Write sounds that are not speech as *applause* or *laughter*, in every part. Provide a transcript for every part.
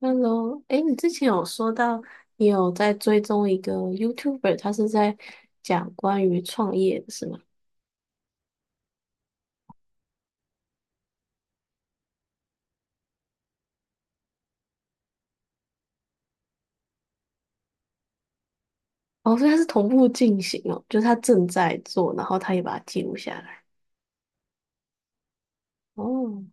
Hello，哎，你之前有说到你有在追踪一个 YouTuber，他是在讲关于创业的是吗？哦，所以他是同步进行哦，就是他正在做，然后他也把它记录下来。哦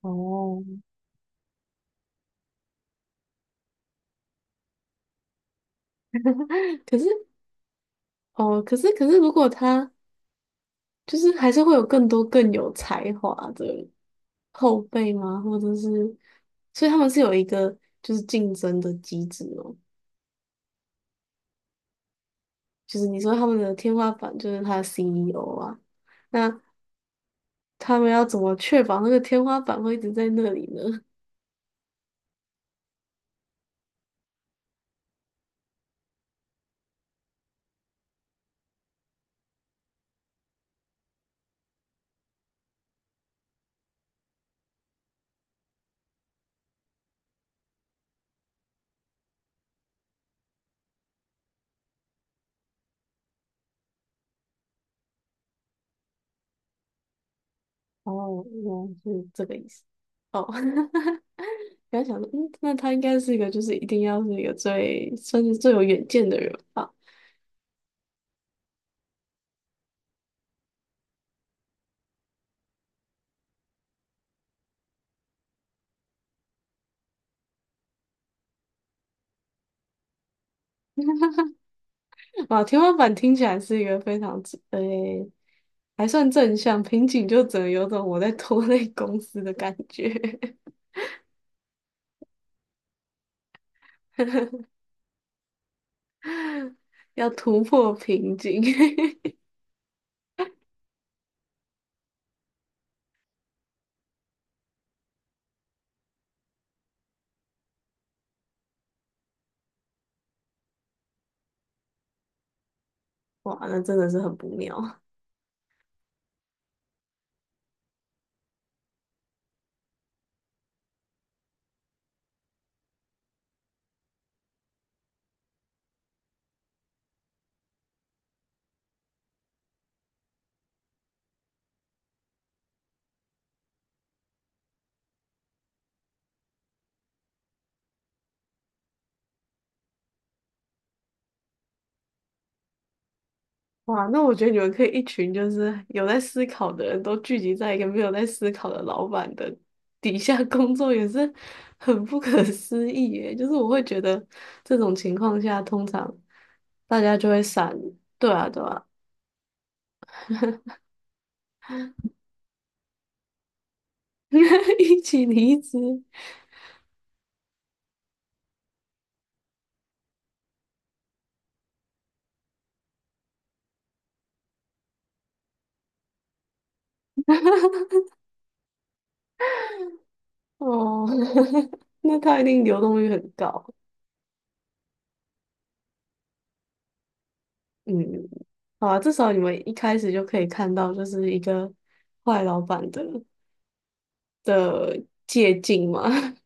哦，可是可是，如果他就是还是会有更多更有才华的后辈吗？或者是，所以他们是有一个就是竞争的机制哦，就是你说他们的天花板就是他的 CEO 啊。那他们要怎么确保那个天花板会一直在那里呢？*laughs* 哦，原来是这个意思。哦，*laughs* 原来想说，嗯，那他应该是一个，就是一定要是一个最算是最有远见的人吧？啊，天花板听起来是一个非常正诶、还算正向，瓶颈就只能有种我在拖累公司的感觉，*laughs* 要突破瓶颈，*laughs* 哇，那真的是很不妙。哇，那我觉得你们可以一群就是有在思考的人都聚集在一个没有在思考的老板的底下工作，也是很不可思议耶。就是我会觉得这种情况下，通常大家就会散，对啊，对啊，*laughs* 一起离职哦，*laughs* 那他一定流动率很高。嗯，好啊，至少你们一开始就可以看到，就是一个坏老板的的借鉴嘛。*laughs*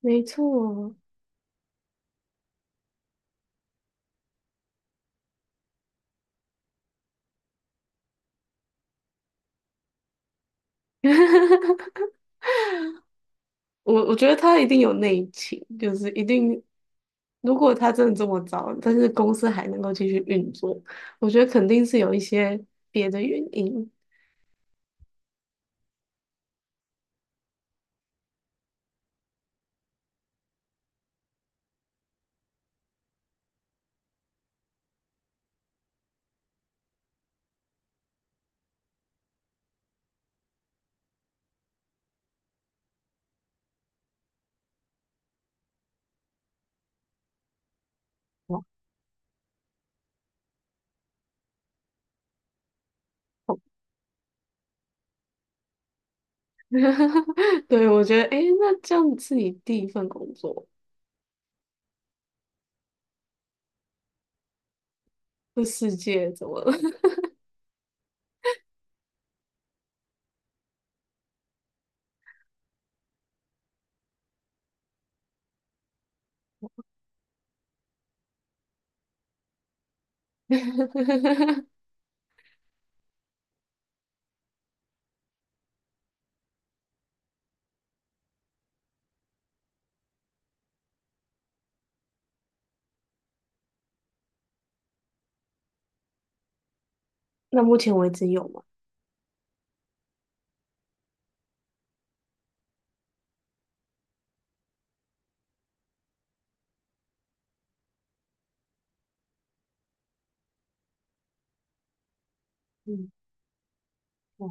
没错。*laughs* 我觉得他一定有内情，就是一定，如果他真的这么糟，但是公司还能够继续运作，我觉得肯定是有一些别的原因。哦 *laughs* 对，我觉得，诶，那这样是你第一份工作，这世界怎么了？*laughs* 那目前为止有吗？嗯，哦，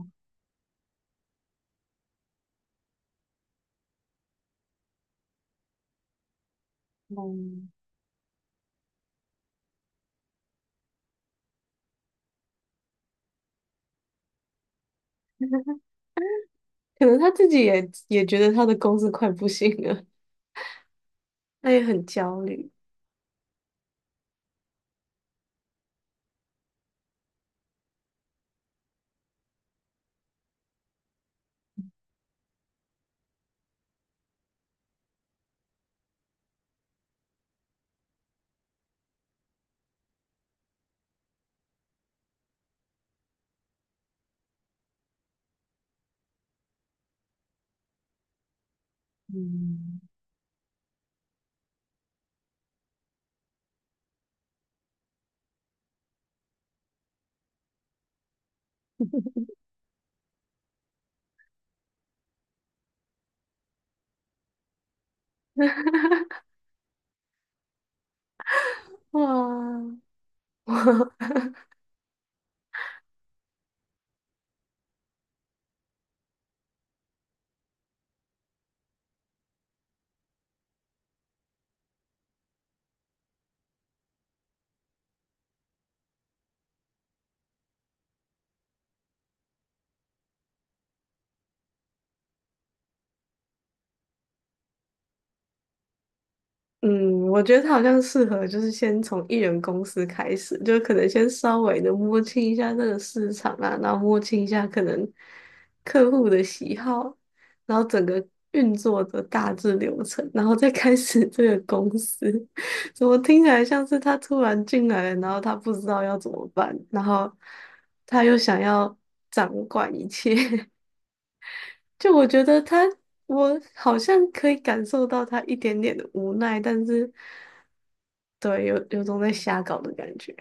嗯，*laughs* 可能他自己也觉得他的公司快不行了，他也很焦虑。嗯，哇，*laughs* 哇，*laughs* 嗯，我觉得他好像适合，就是先从艺人公司开始，就可能先稍微的摸清一下这个市场啊，然后摸清一下可能客户的喜好，然后整个运作的大致流程，然后再开始这个公司。*laughs* 怎么听起来像是他突然进来了，然后他不知道要怎么办，然后他又想要掌管一切。*laughs* 就我觉得他，我好像可以感受到他一点点的无奈，但是。对，有种在瞎搞的感觉。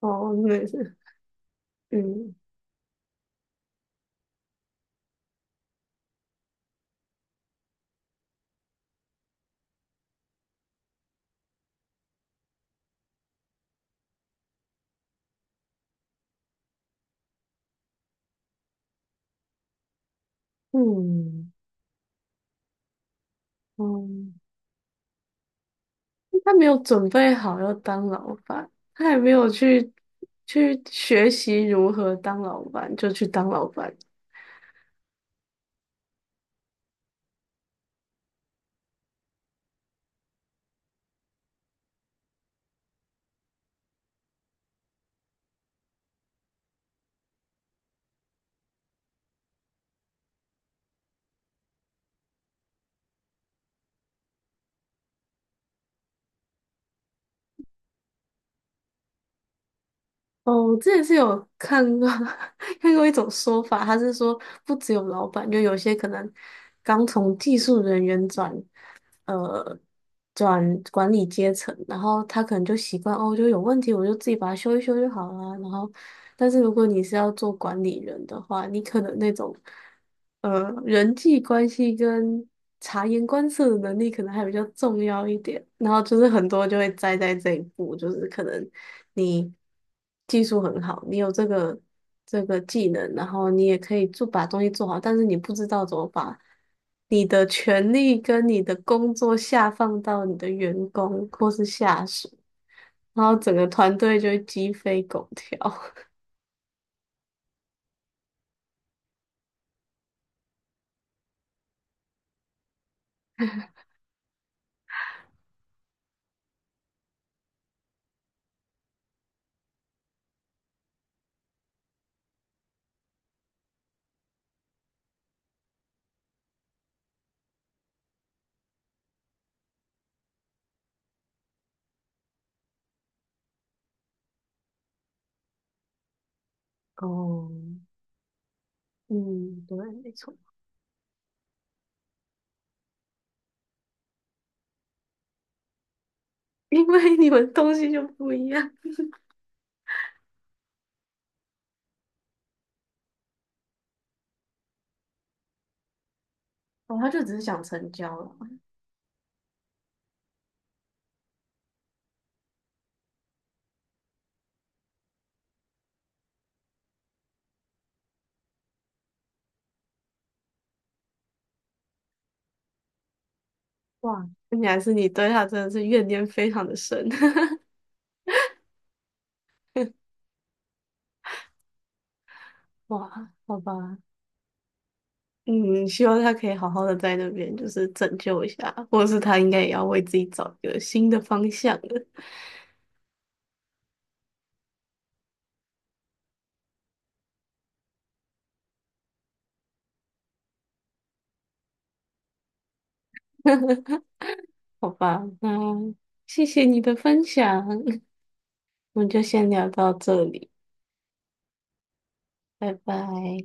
哦，没是，*laughs* 嗯，嗯，嗯，他没有准备好要当老板，他也没有去学习如何当老板，就去当老板。哦，我之前是有看过 *laughs* 看过一种说法，他是说不只有老板，就有些可能刚从技术人员转，呃转管理阶层，然后他可能就习惯哦，就有问题我就自己把它修一修就好了。然后，但是如果你是要做管理人的话，你可能那种人际关系跟察言观色的能力可能还比较重要一点。然后就是很多就会栽在这一步，就是可能你。技术很好，你有这个技能，然后你也可以做把东西做好，但是你不知道怎么把你的权利跟你的工作下放到你的员工或是下属，然后整个团队就会鸡飞狗跳。*laughs* 哦，嗯，对，没错。因为你们东西就不一样。哦，他就只是想成交了。哇，看起来是你对他真的是怨念非常的深。*laughs* 哇，好吧，嗯，希望他可以好好的在那边，就是拯救一下，或者是他应该也要为自己找一个新的方向了。*laughs* 好吧，嗯，谢谢你的分享，*laughs* 我们就先聊到这里，拜拜。